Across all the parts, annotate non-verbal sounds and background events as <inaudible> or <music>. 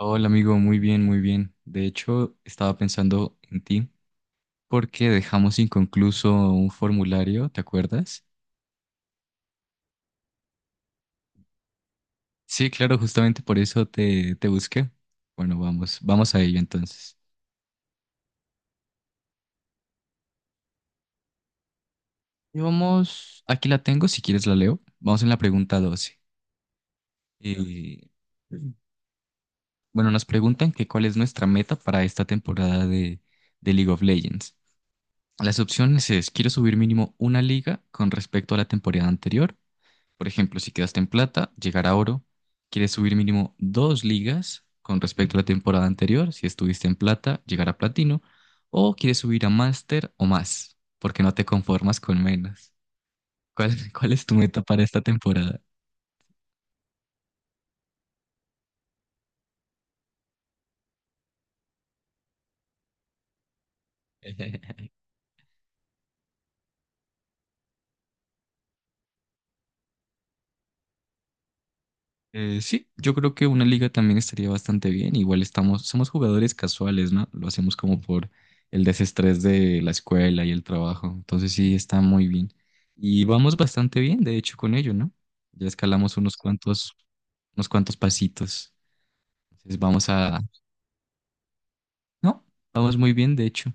Hola amigo, muy bien, muy bien. De hecho, estaba pensando en ti porque dejamos inconcluso un formulario, ¿te acuerdas? Sí, claro, justamente por eso te busqué. Bueno, vamos a ello entonces. Y vamos, aquí la tengo, si quieres la leo. Vamos en la pregunta 12. Y bueno, nos preguntan que cuál es nuestra meta para esta temporada de League of Legends. Las opciones es, quiero subir mínimo una liga con respecto a la temporada anterior. Por ejemplo, si quedaste en plata, llegar a oro, quieres subir mínimo dos ligas con respecto a la temporada anterior. Si estuviste en plata, llegar a platino. O quieres subir a máster o más, porque no te conformas con menos. ¿Cuál, <laughs> cuál es tu meta para esta temporada? <laughs> Sí, yo creo que una liga también estaría bastante bien. Igual estamos, somos jugadores casuales, ¿no? Lo hacemos como por el desestrés de la escuela y el trabajo. Entonces sí, está muy bien. Y vamos bastante bien, de hecho, con ello, ¿no? Ya escalamos unos cuantos pasitos. Entonces vamos a... No, vamos muy bien, de hecho.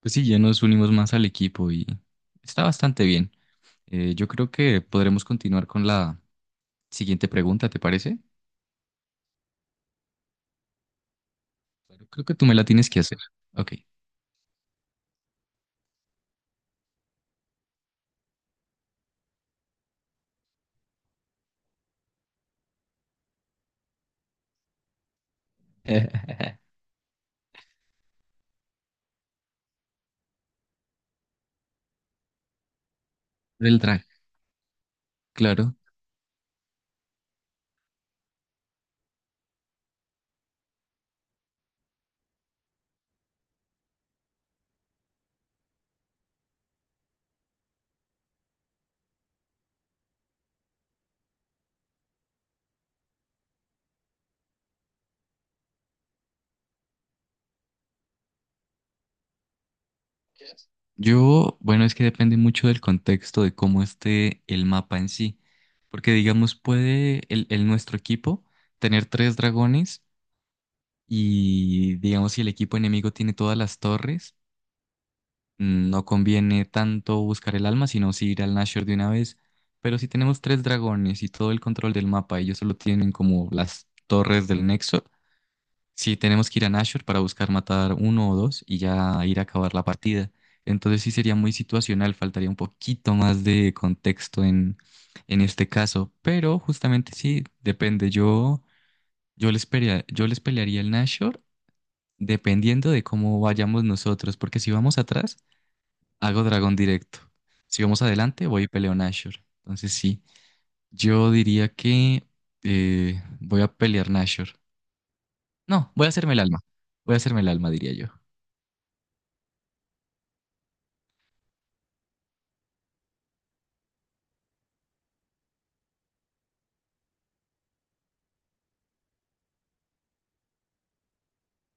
Pues sí, ya nos unimos más al equipo y está bastante bien. Yo creo que podremos continuar con la siguiente pregunta, ¿te parece? Claro, creo que tú me la tienes que hacer. Ok. <laughs> Del drag, claro. Yo, bueno, es que depende mucho del contexto de cómo esté el mapa en sí. Porque, digamos, puede el nuestro equipo tener tres dragones y, digamos, si el equipo enemigo tiene todas las torres, no conviene tanto buscar el alma, sino si ir al Nashor de una vez. Pero si tenemos tres dragones y todo el control del mapa, ellos solo tienen como las torres del Nexo. Sí, tenemos que ir a Nashor para buscar matar uno o dos y ya ir a acabar la partida. Entonces sí sería muy situacional, faltaría un poquito más de contexto en este caso. Pero justamente sí, depende. Yo, yo les pelearía el Nashor dependiendo de cómo vayamos nosotros. Porque si vamos atrás, hago dragón directo. Si vamos adelante, voy y peleo Nashor. Entonces sí, yo diría que voy a pelear Nashor. No, voy a hacerme el alma. Voy a hacerme el alma, diría yo.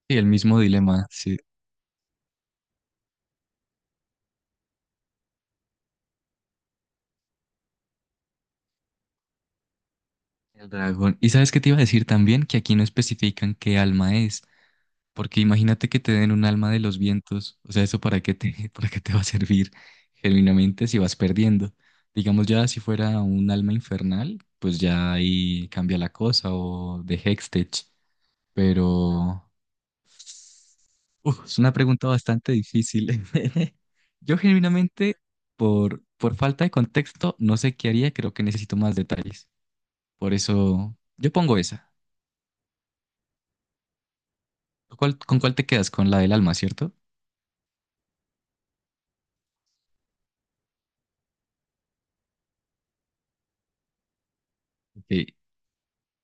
Sí, el mismo dilema, sí, el dragón. ¿Y sabes qué te iba a decir también? Que aquí no especifican qué alma es, porque imagínate que te den un alma de los vientos, o sea, ¿eso para qué te, <laughs> para qué te va a servir genuinamente si vas perdiendo? Digamos ya si fuera un alma infernal, pues ya ahí cambia la cosa, o de Hextech, pero... Uf, es una pregunta bastante difícil. <laughs> Yo genuinamente, por falta de contexto, no sé qué haría, creo que necesito más detalles. Por eso yo pongo esa. ¿Con cuál te quedas? Con la del alma, ¿cierto? Sí.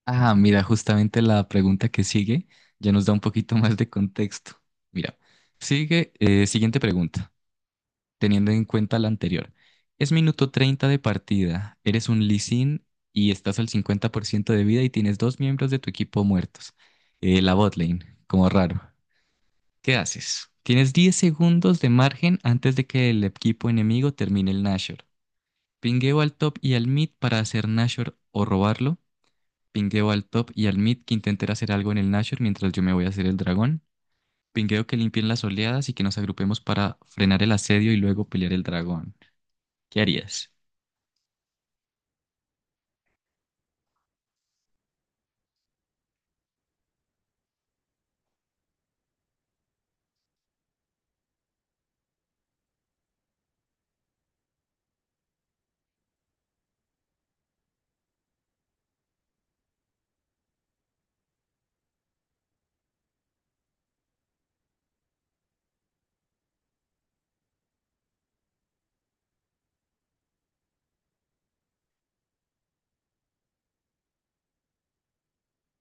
Ah, mira, justamente la pregunta que sigue ya nos da un poquito <laughs> más de contexto. Mira, sigue, siguiente pregunta, teniendo en cuenta la anterior. Es minuto 30 de partida, eres un lisín y estás al 50% de vida y tienes dos miembros de tu equipo muertos. La bot lane, como raro. ¿Qué haces? Tienes 10 segundos de margen antes de que el equipo enemigo termine el Nashor. Pingueo al top y al mid para hacer Nashor o robarlo. Pingueo al top y al mid que intenten hacer algo en el Nashor mientras yo me voy a hacer el dragón. Pingueo que limpien las oleadas y que nos agrupemos para frenar el asedio y luego pelear el dragón. ¿Qué harías?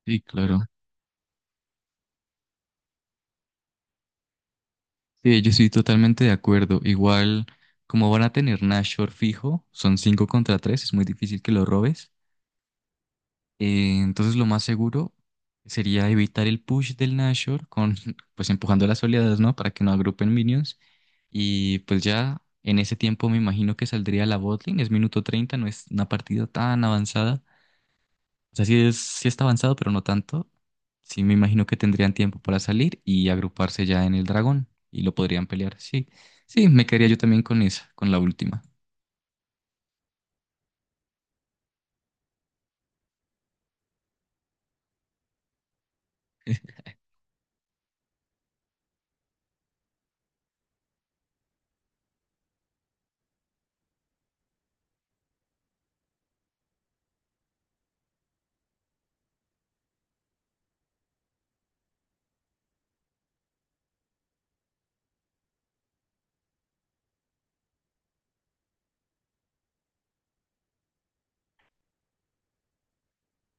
Sí, claro. Sí, yo estoy totalmente de acuerdo. Igual, como van a tener Nashor fijo, son 5 contra 3, es muy difícil que lo robes. Entonces lo más seguro sería evitar el push del Nashor con <laughs> pues empujando las oleadas, ¿no? Para que no agrupen minions. Y pues ya en ese tiempo me imagino que saldría la botlane. Es minuto 30, no es una partida tan avanzada. O sea, sí, es, sí está avanzado, pero no tanto. Sí me imagino que tendrían tiempo para salir y agruparse ya en el dragón y lo podrían pelear. Sí, sí, me quedaría yo también con esa, con la última.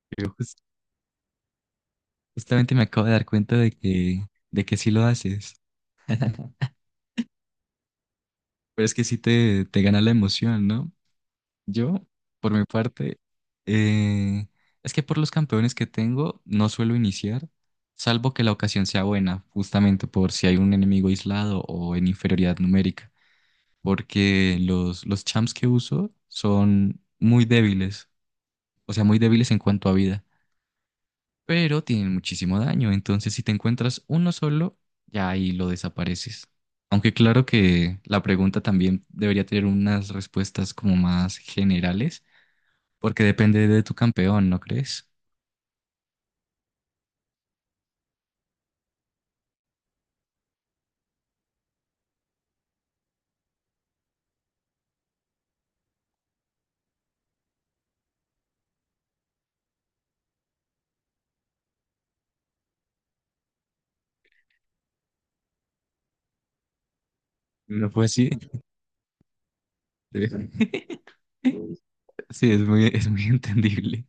Pero jus- justamente me acabo de dar cuenta de que sí lo haces. Pero es que sí te gana la emoción, ¿no? Yo, por mi parte, eh, es que por los campeones que tengo no suelo iniciar, salvo que la ocasión sea buena, justamente por si hay un enemigo aislado o en inferioridad numérica, porque los champs que uso son muy débiles, o sea, muy débiles en cuanto a vida pero tienen muchísimo daño. Entonces, si te encuentras uno solo, ya ahí lo desapareces. Aunque claro que la pregunta también debería tener unas respuestas como más generales, porque depende de tu campeón, ¿no crees? No fue así. <laughs> Sí, es muy <laughs> entendible.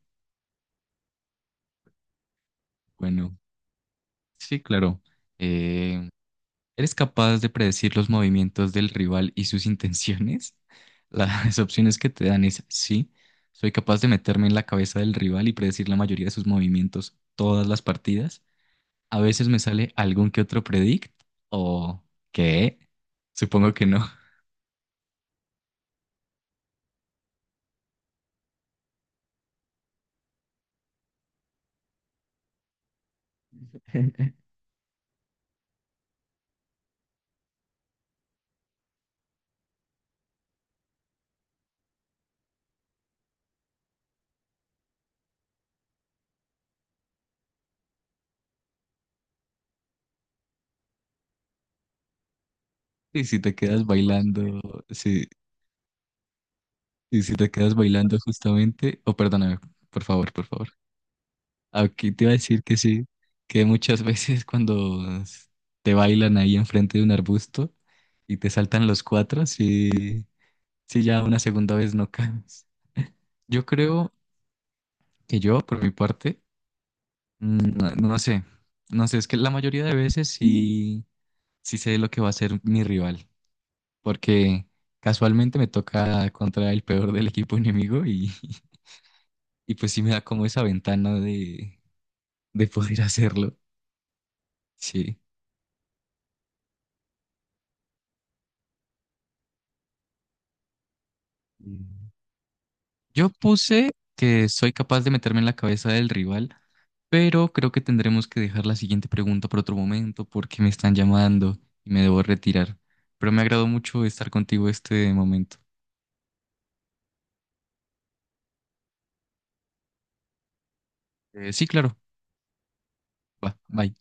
Bueno, sí, claro. Eh, ¿Eres capaz de predecir los movimientos del rival y sus intenciones? Las <laughs> opciones que te dan es sí, soy capaz de meterme en la cabeza del rival y predecir la mayoría de sus movimientos todas las partidas. A veces me sale algún que otro predict o qué, supongo que no. <laughs> Y si te quedas bailando, sí, y si te quedas bailando justamente, o perdóname, por favor, por favor. Aquí te iba a decir que sí, que muchas <laughs> veces cuando te bailan ahí enfrente de un arbusto y te saltan los cuatro, sí, sí ya una segunda vez no caes. Yo creo que yo, por mi parte, no, no sé, es que la mayoría de veces sí, sí sé lo que va a ser mi rival, porque casualmente me toca contra el peor del equipo enemigo y, <laughs> y pues sí me da como esa ventana de poder <laughs> hacerlo, sí. Yo puse que soy capaz de meterme en la cabeza del rival, pero creo que tendremos que dejar la siguiente pregunta por otro momento porque me están llamando y me debo retirar. Pero me agradó mucho estar contigo este momento. Sí, claro. Va, bye.